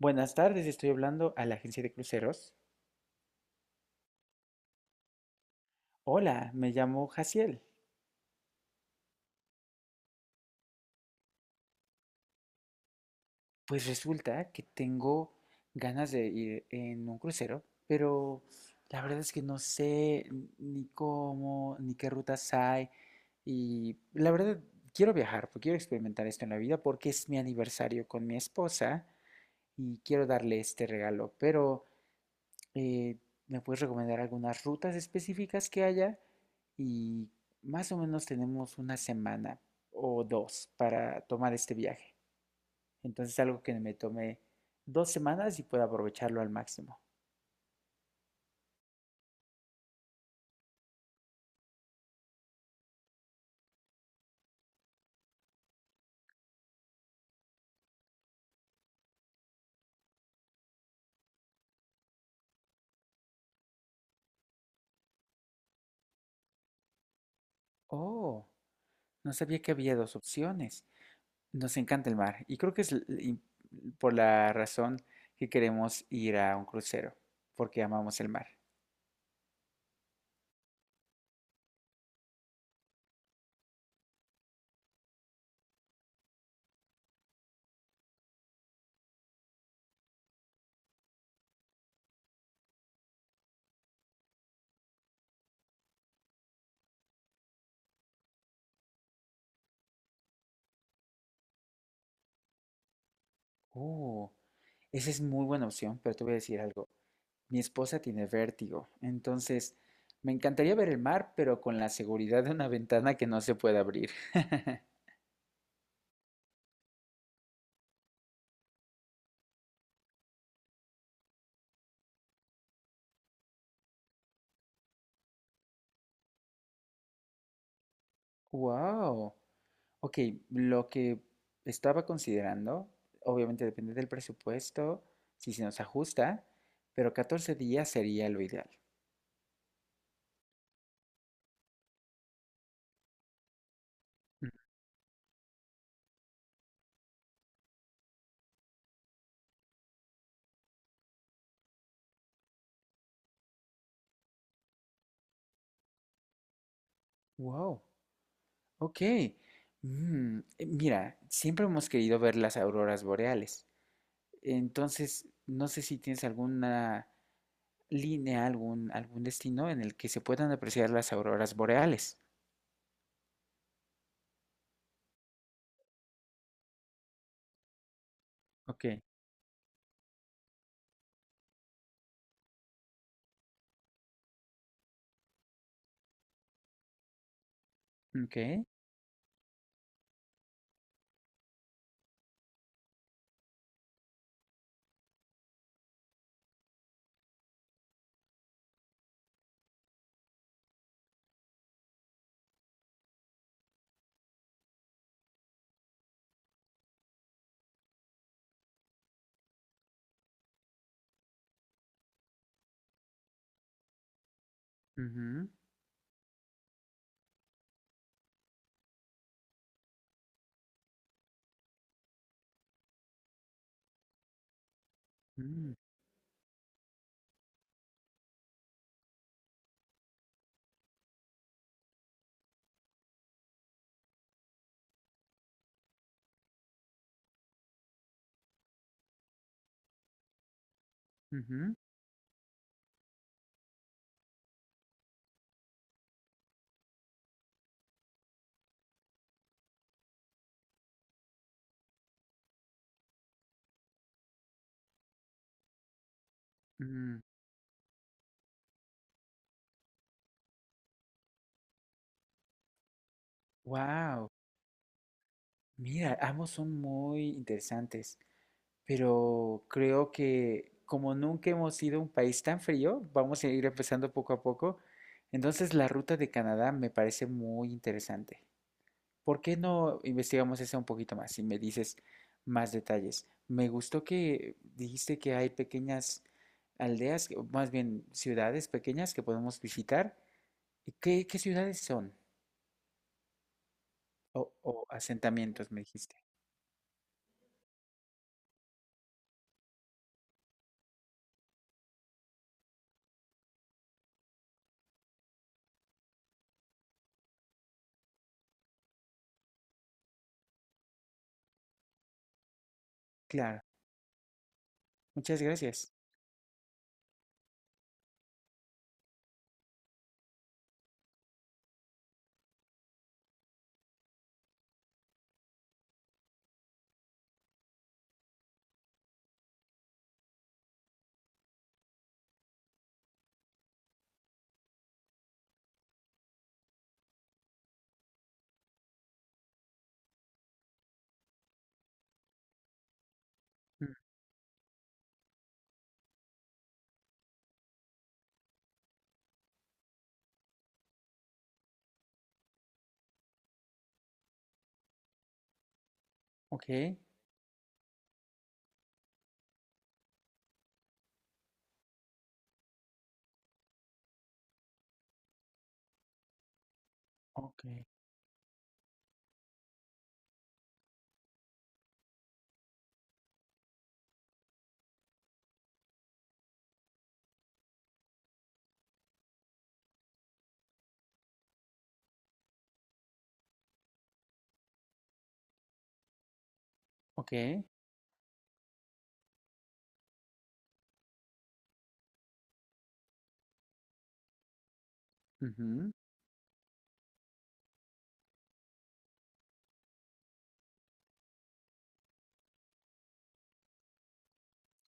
Buenas tardes, estoy hablando a la agencia de cruceros. Hola, me llamo Jaciel. Pues resulta que tengo ganas de ir en un crucero, pero la verdad es que no sé ni cómo, ni qué rutas hay. Y la verdad, quiero viajar, porque quiero experimentar esto en la vida, porque es mi aniversario con mi esposa y quiero darle este regalo, pero Eh, ¿me puedes recomendar algunas rutas específicas que haya? Y más o menos tenemos una semana o dos para tomar este viaje. Entonces algo que me tome 2 semanas y pueda aprovecharlo al máximo. Oh, no sabía que había dos opciones. Nos encanta el mar y creo que es y por la razón que queremos ir a un crucero, porque amamos el mar. Oh, esa es muy buena opción, pero te voy a decir algo. Mi esposa tiene vértigo, entonces me encantaría ver el mar, pero con la seguridad de una ventana que no se puede abrir. Wow. Ok, lo que estaba considerando, obviamente depende del presupuesto, si se nos ajusta, pero 14 días sería lo ideal. Mm. Wow. Ok. Mm, mira, siempre hemos querido ver las auroras boreales. Entonces, no sé si tienes alguna línea, algún, algún destino en el que se puedan apreciar las auroras boreales. Ok, ok. Ujú, mm, ujú, mm. Wow, mira, ambos son muy interesantes, pero creo que como nunca hemos sido un país tan frío, vamos a ir empezando poco a poco. Entonces, la ruta de Canadá me parece muy interesante. ¿Por qué no investigamos eso un poquito más y me dices más detalles? Me gustó que dijiste que hay pequeñas aldeas, o más bien ciudades pequeñas que podemos visitar. ¿Y qué ciudades son? O asentamientos, me dijiste. Claro, muchas gracias. Mm. Ok, ok, ok. Ujú.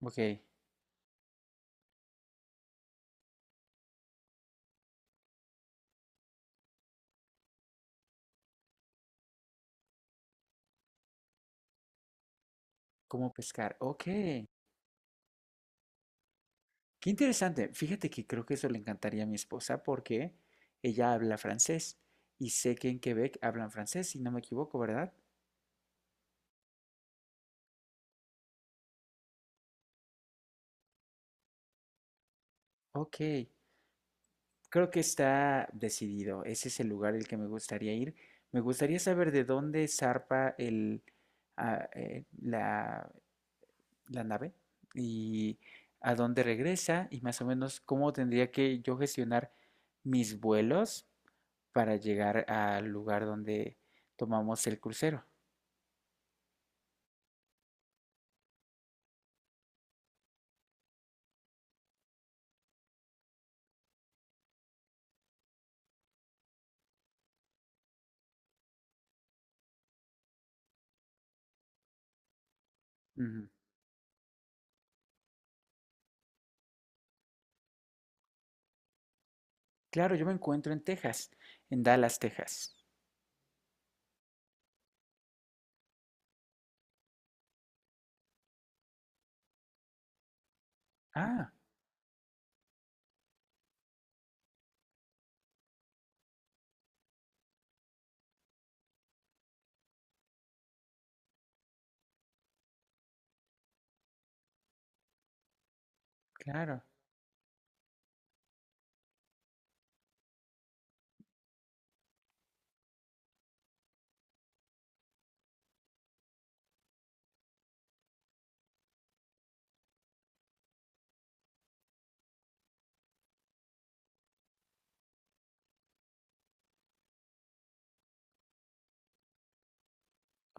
Ok, ¿cómo pescar? Ok. Qué interesante. Fíjate que creo que eso le encantaría a mi esposa porque ella habla francés y sé que en Quebec hablan francés, si no me equivoco, ¿verdad? Ok, creo que está decidido. Ese es el lugar al que me gustaría ir. Me gustaría saber de dónde zarpa el, ah, eh, la, la nave y a dónde regresa y más o menos cómo tendría que yo gestionar mis vuelos para llegar al lugar donde tomamos el crucero. Ujú. Claro, yo me encuentro en Texas, en Dallas, Texas. Ah, claro.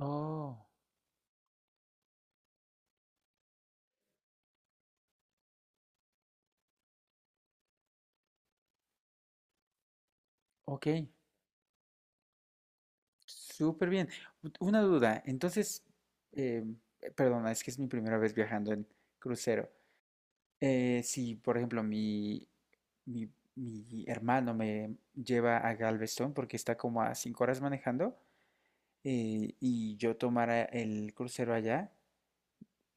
Oh, ok. Súper bien. Una duda. Entonces, eh, perdona, es que es mi primera vez viajando en crucero. Si, por ejemplo, mi, mi hermano me lleva a Galveston porque está como a 5 horas manejando y yo tomara el crucero allá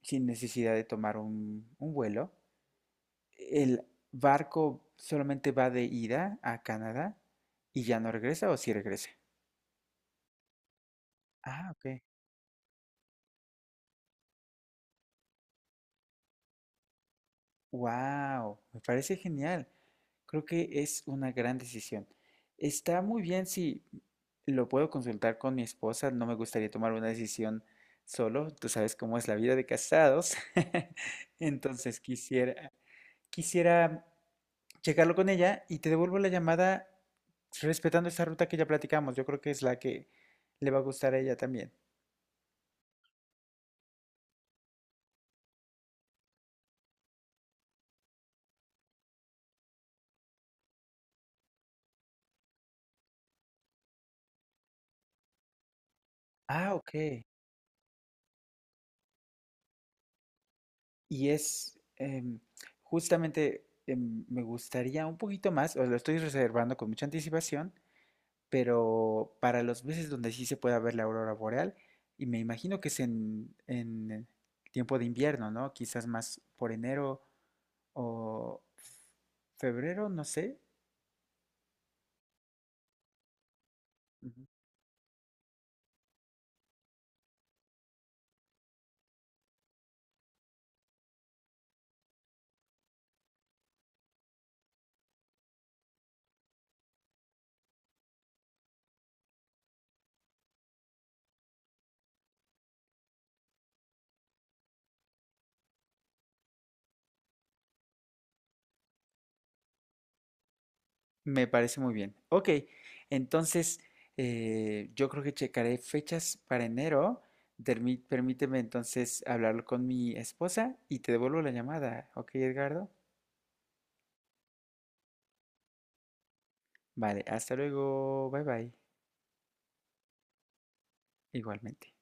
sin necesidad de tomar un vuelo, ¿el barco solamente va de ida a Canadá y ya no regresa o sí regresa? Ah, ok. Wow, me parece genial. Creo que es una gran decisión. Está muy bien si lo puedo consultar con mi esposa. No me gustaría tomar una decisión solo. Tú sabes cómo es la vida de casados. Entonces quisiera checarlo con ella y te devuelvo la llamada respetando esa ruta que ya platicamos. Yo creo que es la que le va a gustar a ella también. Ah, ok. Y es justamente me gustaría un poquito más, o lo estoy reservando con mucha anticipación, pero para los meses donde sí se pueda ver la aurora boreal, y me imagino que es en tiempo de invierno, ¿no? Quizás más por enero o febrero, no sé. Me parece muy bien. Ok, entonces yo creo que checaré fechas para enero. Permíteme entonces hablarlo con mi esposa y te devuelvo la llamada. Ok, Edgardo. Vale, hasta luego. Bye bye. Igualmente.